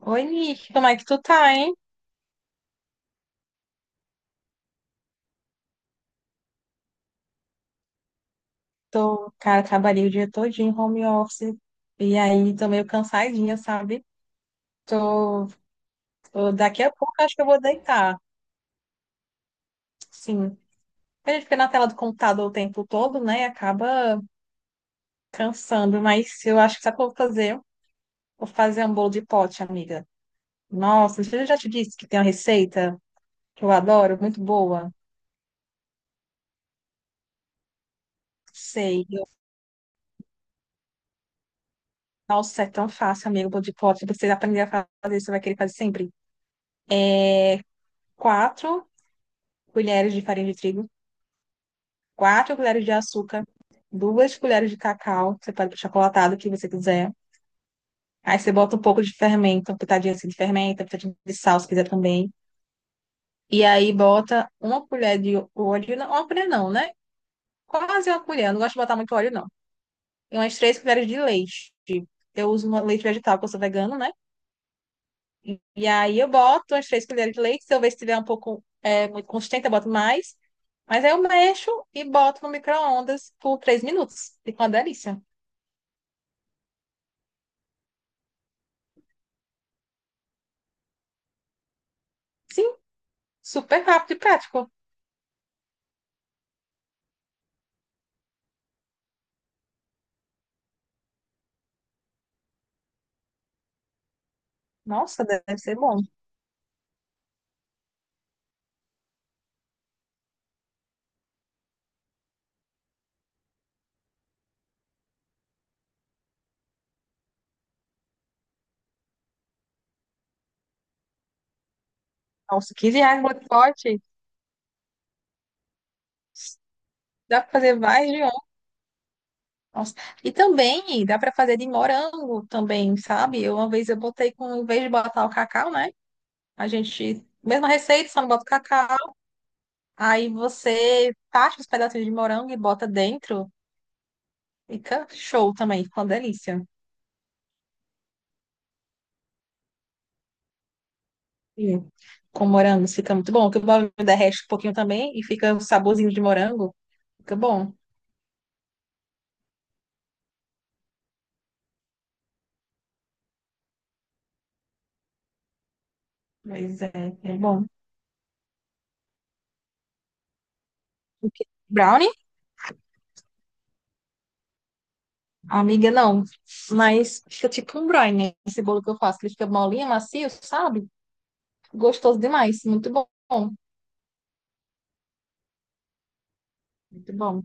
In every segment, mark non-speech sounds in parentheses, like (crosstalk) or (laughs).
Oi, Nick, como é que tu tá, hein? Tô, cara, trabalhei o dia todinho em home office e aí tô meio cansadinha, sabe? Tô, tô, daqui a pouco acho que eu vou deitar. Sim. A gente fica na tela do computador o tempo todo, né? E acaba cansando, mas eu acho que sabe o que eu vou fazer? Vou fazer um bolo de pote, amiga. Nossa, não, eu já te disse que tem uma receita que eu adoro, muito boa. Sei. Eu, nossa, é tão fácil, amigo, bolo de pote. Você aprender a fazer, você vai querer fazer sempre. 4 colheres de farinha de trigo. 4 colheres de açúcar, 2 colheres de cacau, você pode pôr chocolatado, o que você quiser. Aí você bota um pouco de fermento, uma pitadinha assim de fermento, uma pitadinha de sal, se quiser também. E aí bota uma colher de óleo, não, uma colher não, né? Quase uma colher, eu não gosto de botar muito óleo, não. E umas 3 colheres de leite. Eu uso uma leite vegetal, porque eu sou vegano, né? E aí eu boto umas 3 colheres de leite, se eu ver se tiver um pouco muito consistente, eu boto mais. Mas aí eu mexo e boto no micro-ondas por 3 minutos. Fica uma delícia. Sim, super rápido e prático. Nossa, deve ser bom. Nossa, R$ 15 no pote. Dá pra fazer mais de um. Nossa. E também dá pra fazer de morango também, sabe? Eu, uma vez eu botei com, em vez de botar o cacau, né? A gente. Mesma receita, só não bota o cacau. Aí você tacha os pedacinhos de morango e bota dentro. Fica show também, fica uma delícia. E com morango fica muito bom. Que o morango derrete um pouquinho também e fica um saborzinho de morango. Fica bom. Mas é bom. Brownie? Amiga, não. Mas fica tipo um brine, né? Esse bolo que eu faço, que ele fica molinho, macio, sabe? Gostoso demais. Muito bom. Muito bom.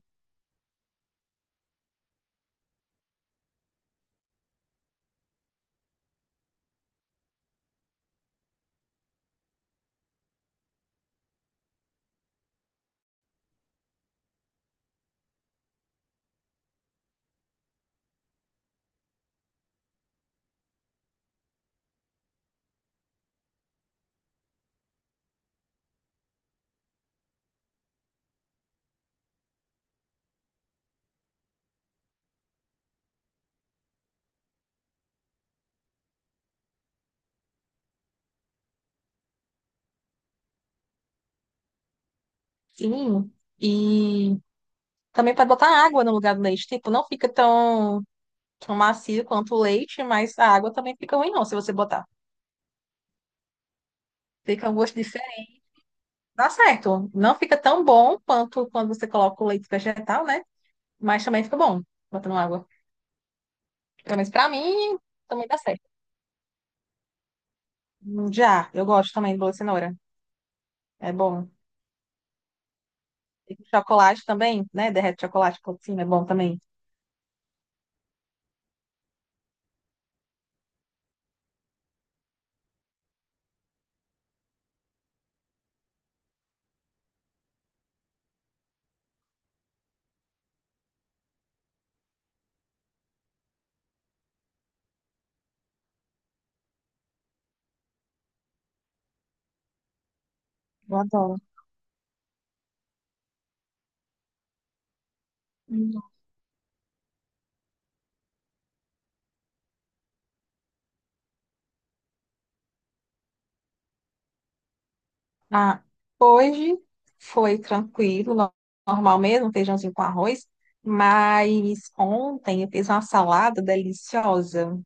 Fininho. E também pode botar água no lugar do leite. Tipo, não fica tão, tão macio quanto o leite, mas a água também fica ruim, não, se você botar. Fica um gosto diferente. Dá certo. Não fica tão bom quanto quando você coloca o leite vegetal, né? Mas também fica bom botando água. Pelo menos pra mim, também dá certo. Já, eu gosto também de bolo de cenoura. É bom. E chocolate também, né? Derrete chocolate por cima, é bom também. Eu adoro. Hum. Ah, hoje foi tranquilo, normal mesmo, feijãozinho com arroz. Mas ontem eu fiz uma salada deliciosa.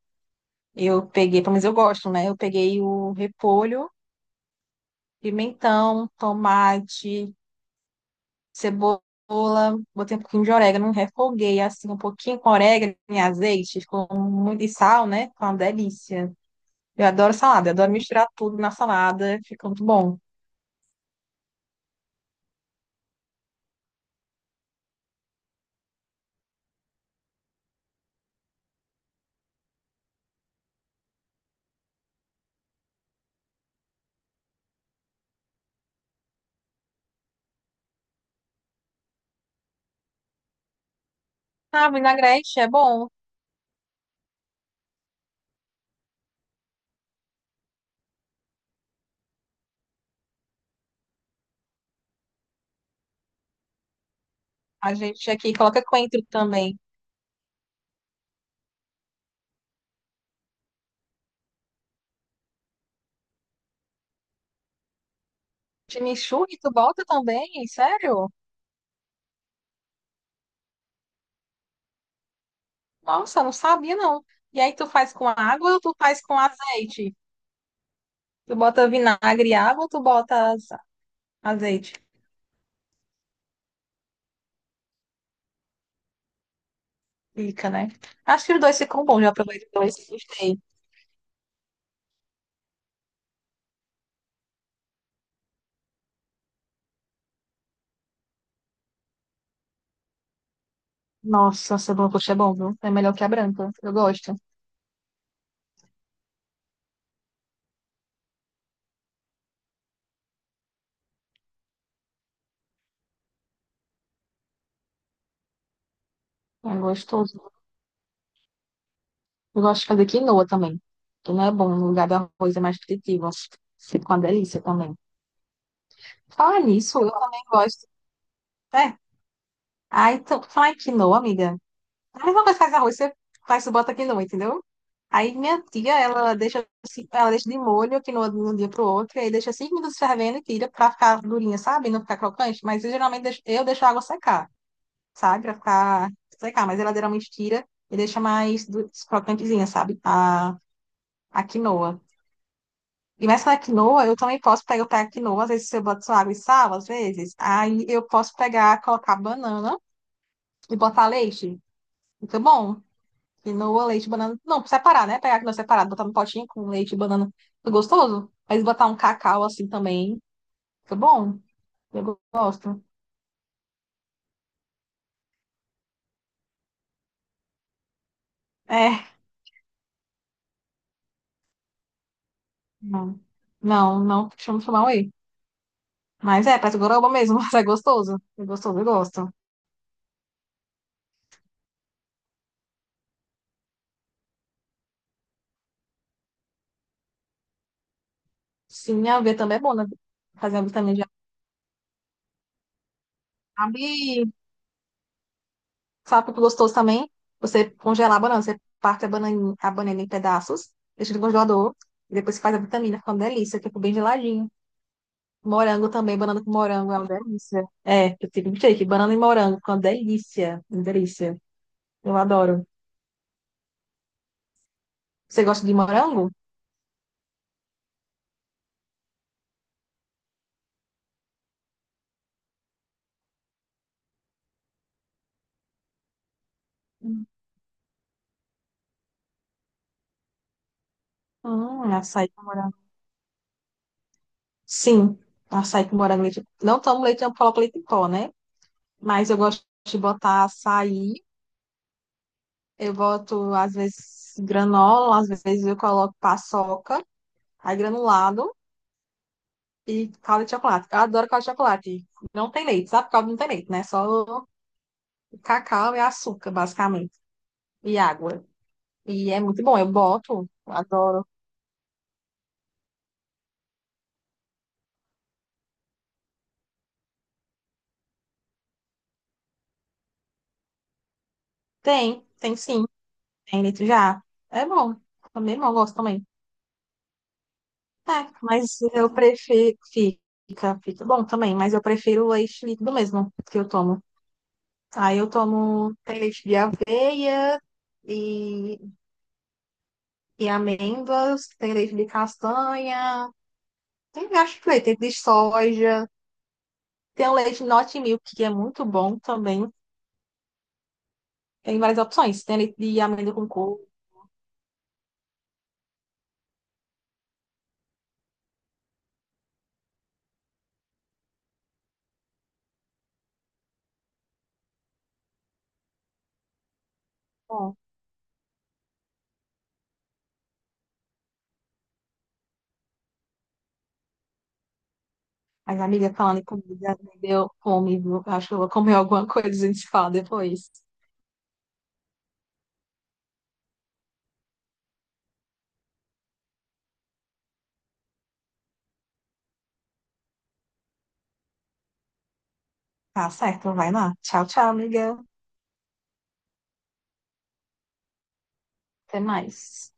Eu peguei, pelo menos eu gosto, né? Eu peguei o repolho, pimentão, tomate, cebola, botei um pouquinho de orégano, refoguei assim um pouquinho com orégano e azeite, ficou muito e sal, né? Ficou uma delícia. Eu adoro salada, eu adoro misturar tudo na salada, fica muito bom. Ah, vinagrete é bom. A gente aqui coloca coentro também. Chimichurri, tu bota também? Sério? Nossa, não sabia não. E aí tu faz com água ou tu faz com azeite? Tu bota vinagre e água ou tu bota azeite? Fica, né? Acho que os dois ficam bons, já provei os dois, gostei. Nossa, cebola roxa é bom, viu? É melhor que a branca, eu gosto. É gostoso. Eu gosto de fazer quinoa também. Quinoa é bom, no lugar do arroz é mais nutritivo. Fica uma delícia também. Falar nisso, eu também gosto. É. Aí, tu fala em quinoa, amiga. Aí, uma vez faz arroz, você faz, você bota quinoa, entendeu? Aí, minha tia, ela deixa, ela deixa de molho a quinoa de um dia pro outro, e aí deixa 5 minutos fervendo e tira pra ficar durinha, sabe? Não ficar crocante. Mas eu geralmente deixo, eu deixo a água secar, sabe? Pra ficar secar. Mas ela geralmente tira e deixa mais crocantezinha, sabe? A quinoa. E mas na quinoa, eu também posso pegar, eu pego quinoa, às vezes eu boto só água e sal, às vezes. Aí eu posso pegar, colocar banana e botar leite. Fica bom. Quinoa, leite, banana. Não, separar, né? Pegar a quinoa separada, botar no potinho com leite e banana. Fica gostoso. Mas botar um cacau assim também. Fica bom. Eu gosto. É. Não, não, não chamar whey. Mas é, parece gororoba mesmo, (laughs) mas é gostoso. É gostoso, eu gosto. Sim, a aveia também é bom, né? Fazer a vitamina de amendoim. Sabe o que é gostoso também? Você congelar a banana. Você parte a bananinha, a banana em pedaços, deixa no congelador, e depois você faz a vitamina, fica uma delícia, fica bem geladinho. Morango também, banana com morango é uma delícia. É, eu tive um shake, banana e morango, fica uma delícia, uma delícia. Eu adoro. Você gosta de morango? Açaí com morango. Sim, açaí com morango. Não tomo leite, eu coloco leite em pó, né? Mas eu gosto de botar açaí, eu boto, às vezes, granola, às vezes eu coloco paçoca. Aí granulado e calda de chocolate. Eu adoro calda de chocolate. Não tem leite, sabe? Calda não tem leite, né? Só cacau e açúcar, basicamente. E água. E é muito bom. Eu boto, adoro. Tem, sim. Tem leite já. É bom. Também bom, gosto também. É, mas eu prefiro. Fica, bom também, mas eu prefiro o leite líquido mesmo que eu tomo. Aí eu tomo tem leite de aveia e, e amêndoas, tem leite de castanha. Tem vários leites, tem de soja, tem o leite Not Milk, que é muito bom também. Tem várias opções. Tem leite de amêndoa com coco. Bom, as amigas falando em comida, me deu fome, viu? Acho que eu vou comer alguma coisa, e a gente se fala depois. Tá certo, vai lá. Tchau, tchau, amiga. Até mais.